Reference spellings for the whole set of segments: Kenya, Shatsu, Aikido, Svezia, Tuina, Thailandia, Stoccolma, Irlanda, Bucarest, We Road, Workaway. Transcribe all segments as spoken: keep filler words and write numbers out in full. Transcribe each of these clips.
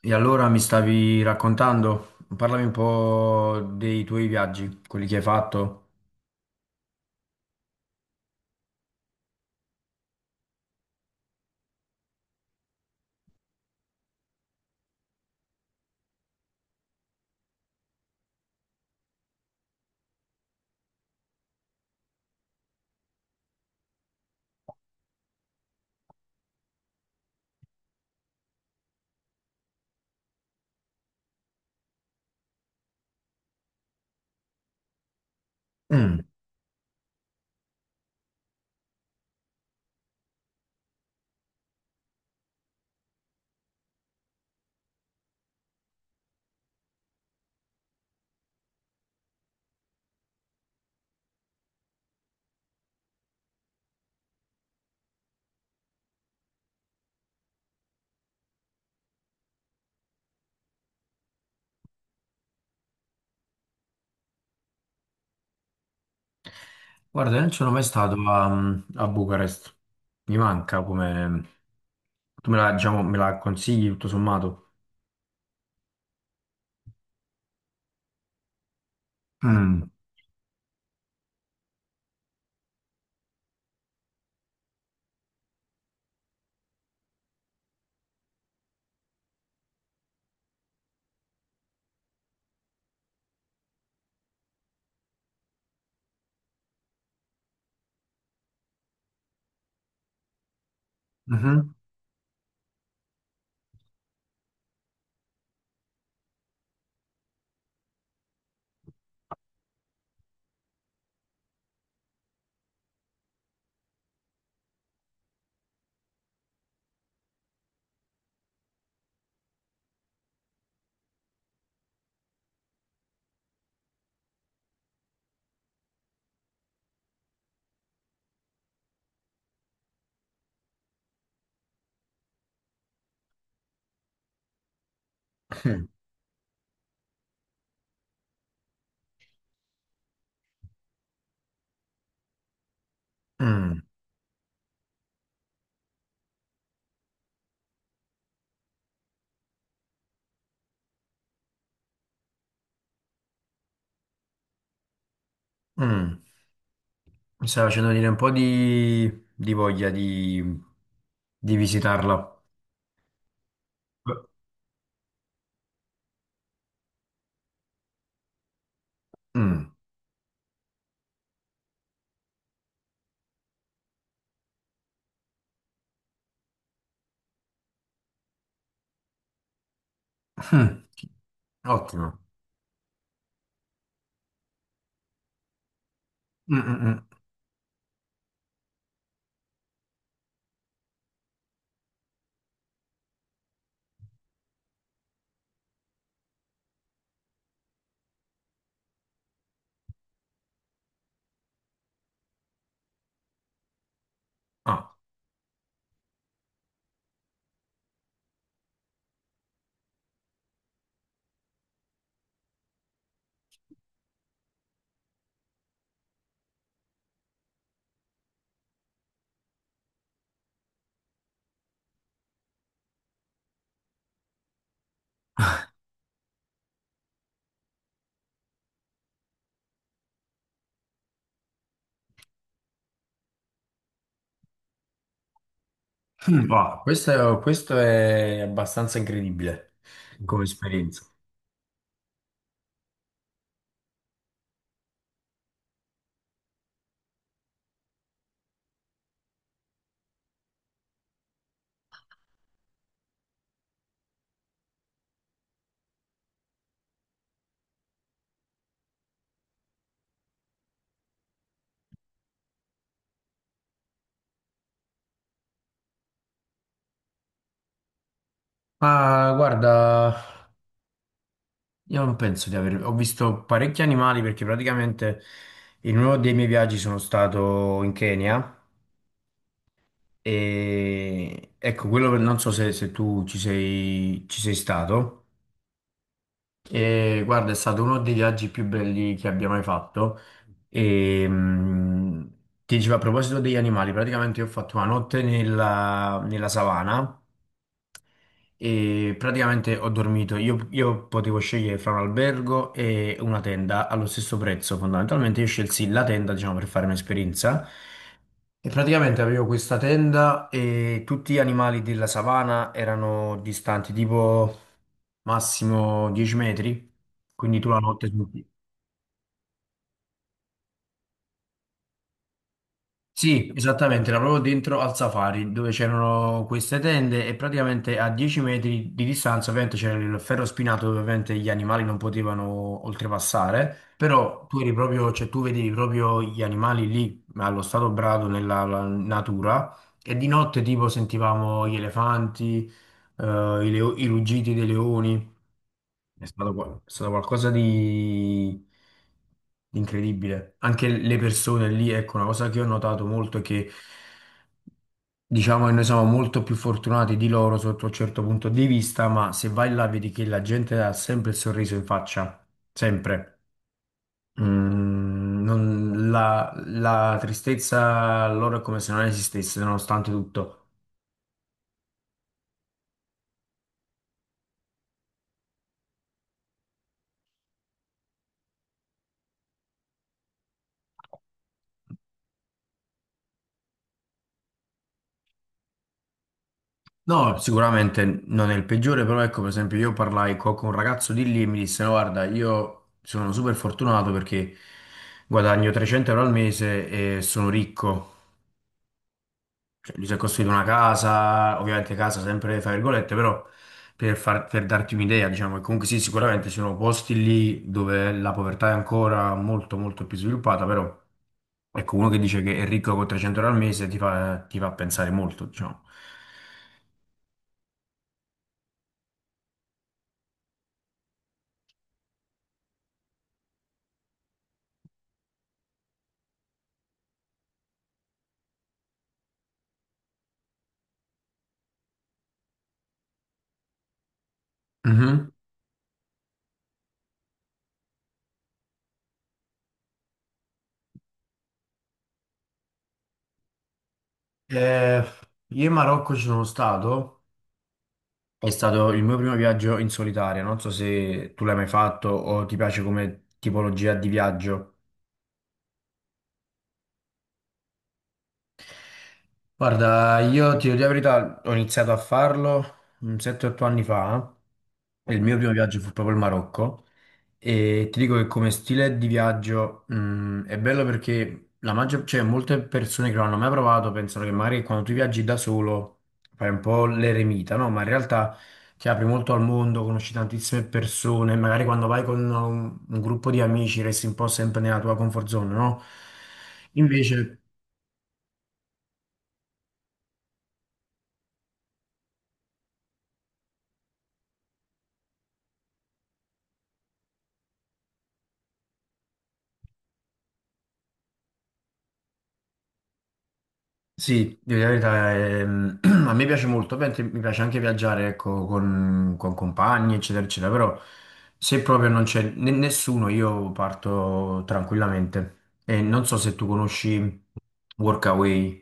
E allora mi stavi raccontando, parlami un po' dei tuoi viaggi, quelli che hai fatto. Mm. Guarda, io non sono mai stato a, a Bucarest, mi manca come... Tu me la, diciamo, me la consigli tutto sommato? Mm. Mhm. Mm. Mm. Mi stai facendo venire un po' di, di voglia di, di visitarla. Mm. Mm. Ottimo. Mm, mm, mm. Ah. Wow, questo, questo è abbastanza incredibile come esperienza. Ma guarda, io non penso di aver... Ho visto parecchi animali perché praticamente in uno dei miei viaggi sono stato in Kenya e ecco, quello non so se, se tu ci sei, ci sei stato. E guarda, è stato uno dei viaggi più belli che abbia mai fatto. E mh, ti dicevo a proposito degli animali, praticamente io ho fatto una notte nella, nella savana e praticamente ho dormito. Io, io potevo scegliere fra un albergo e una tenda allo stesso prezzo. Fondamentalmente io scelsi la tenda, diciamo, per fare un'esperienza. E praticamente avevo questa tenda e tutti gli animali della savana erano distanti tipo massimo dieci metri. Quindi tu la notte sì, esattamente, era proprio dentro al safari dove c'erano queste tende e praticamente a dieci metri di distanza ovviamente c'era il ferro spinato dove ovviamente gli animali non potevano oltrepassare, però tu eri proprio, cioè tu vedevi proprio gli animali lì allo stato brado nella la natura e di notte tipo sentivamo gli elefanti, eh, i, leo- i ruggiti dei leoni. È stato, qua- è stato qualcosa di, di incredibile. Anche le persone lì, ecco, una cosa che ho notato molto è che diciamo che noi siamo molto più fortunati di loro sotto un certo punto di vista, ma se vai là vedi che la gente ha sempre il sorriso in faccia, sempre. Mm, non- la, la tristezza loro è come se non esistesse, nonostante tutto. No, sicuramente non è il peggiore, però ecco, per esempio, io parlai co- con un ragazzo di lì e mi disse, no, guarda, io sono super fortunato perché guadagno trecento euro al mese e sono ricco. Cioè, lui si è costruito una casa, ovviamente casa sempre fra virgolette, però per, far- per darti un'idea, diciamo che comunque sì, sicuramente ci sono posti lì dove la povertà è ancora molto molto più sviluppata, però ecco, uno che dice che è ricco con trecento euro al mese ti fa, ti fa pensare molto, diciamo. Mhm. Eh, io in Marocco ci sono stato, è stato il mio primo viaggio in solitaria, non so se tu l'hai mai fatto o ti piace come tipologia di viaggio. Guarda, io ti dico la verità, ho iniziato a farlo sette otto anni fa, e il mio primo viaggio fu proprio il Marocco. E ti dico che come stile di viaggio, mh, è bello perché la maggior, cioè, molte persone che non hanno mai provato pensano che magari quando tu viaggi da solo fai un po' l'eremita, no? Ma in realtà ti apri molto al mondo, conosci tantissime persone, magari quando vai con un, un gruppo di amici resti un po' sempre nella tua comfort zone, no? Invece sì, devo dire la verità, ehm, a me piace molto, ovviamente mi piace anche viaggiare, ecco, con, con compagni, eccetera, eccetera, però se proprio non c'è ne- nessuno, io parto tranquillamente. E non so se tu conosci Workaway.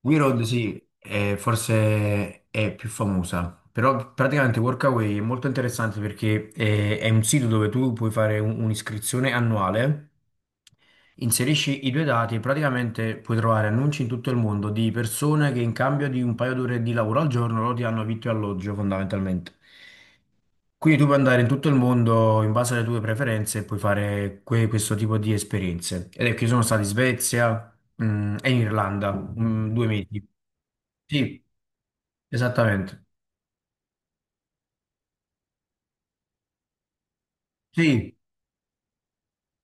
We Road, sì, è- forse è più famosa, però praticamente Workaway è molto interessante perché è, è un sito dove tu puoi fare un- un'iscrizione annuale. Inserisci i due dati e praticamente puoi trovare annunci in tutto il mondo di persone che in cambio di un paio d'ore di lavoro al giorno loro ti danno vitto e alloggio fondamentalmente. Quindi tu puoi andare in tutto il mondo in base alle tue preferenze e puoi fare que- questo tipo di esperienze. Ed è che io sono stato in Svezia, mm, e in Irlanda, mm, due mesi. Sì, esattamente. Sì,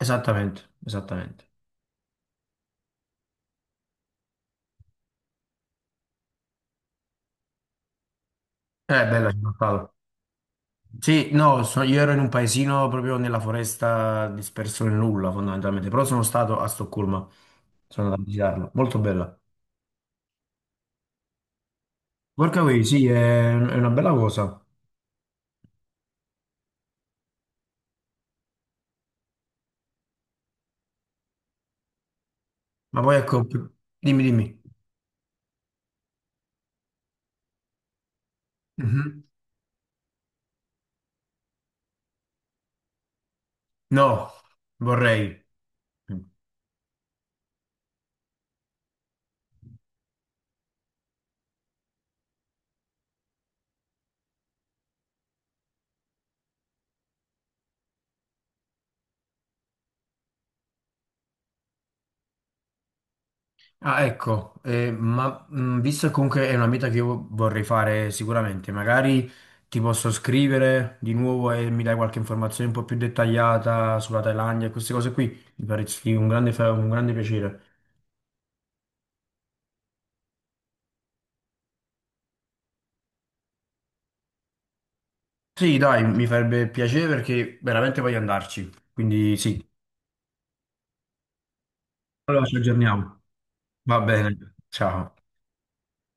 esattamente, esattamente. È bella città. Sì, no, so- io ero in un paesino proprio nella foresta disperso nel nulla fondamentalmente, però sono stato a Stoccolma, sono andato a visitarla, molto bella. Workaway, sì, è, è una bella cosa, ma poi ecco, più- dimmi, dimmi. Mhm. No, vorrei. Ah, ecco, eh, ma mh, visto che comunque è una meta che io vorrei fare sicuramente, magari ti posso scrivere di nuovo e mi dai qualche informazione un po' più dettagliata sulla Thailandia e queste cose qui, mi faresti un grande fa- un grande piacere. Sì, dai, mi farebbe piacere perché veramente voglio andarci. Quindi sì, allora ci aggiorniamo. Va bene, ciao.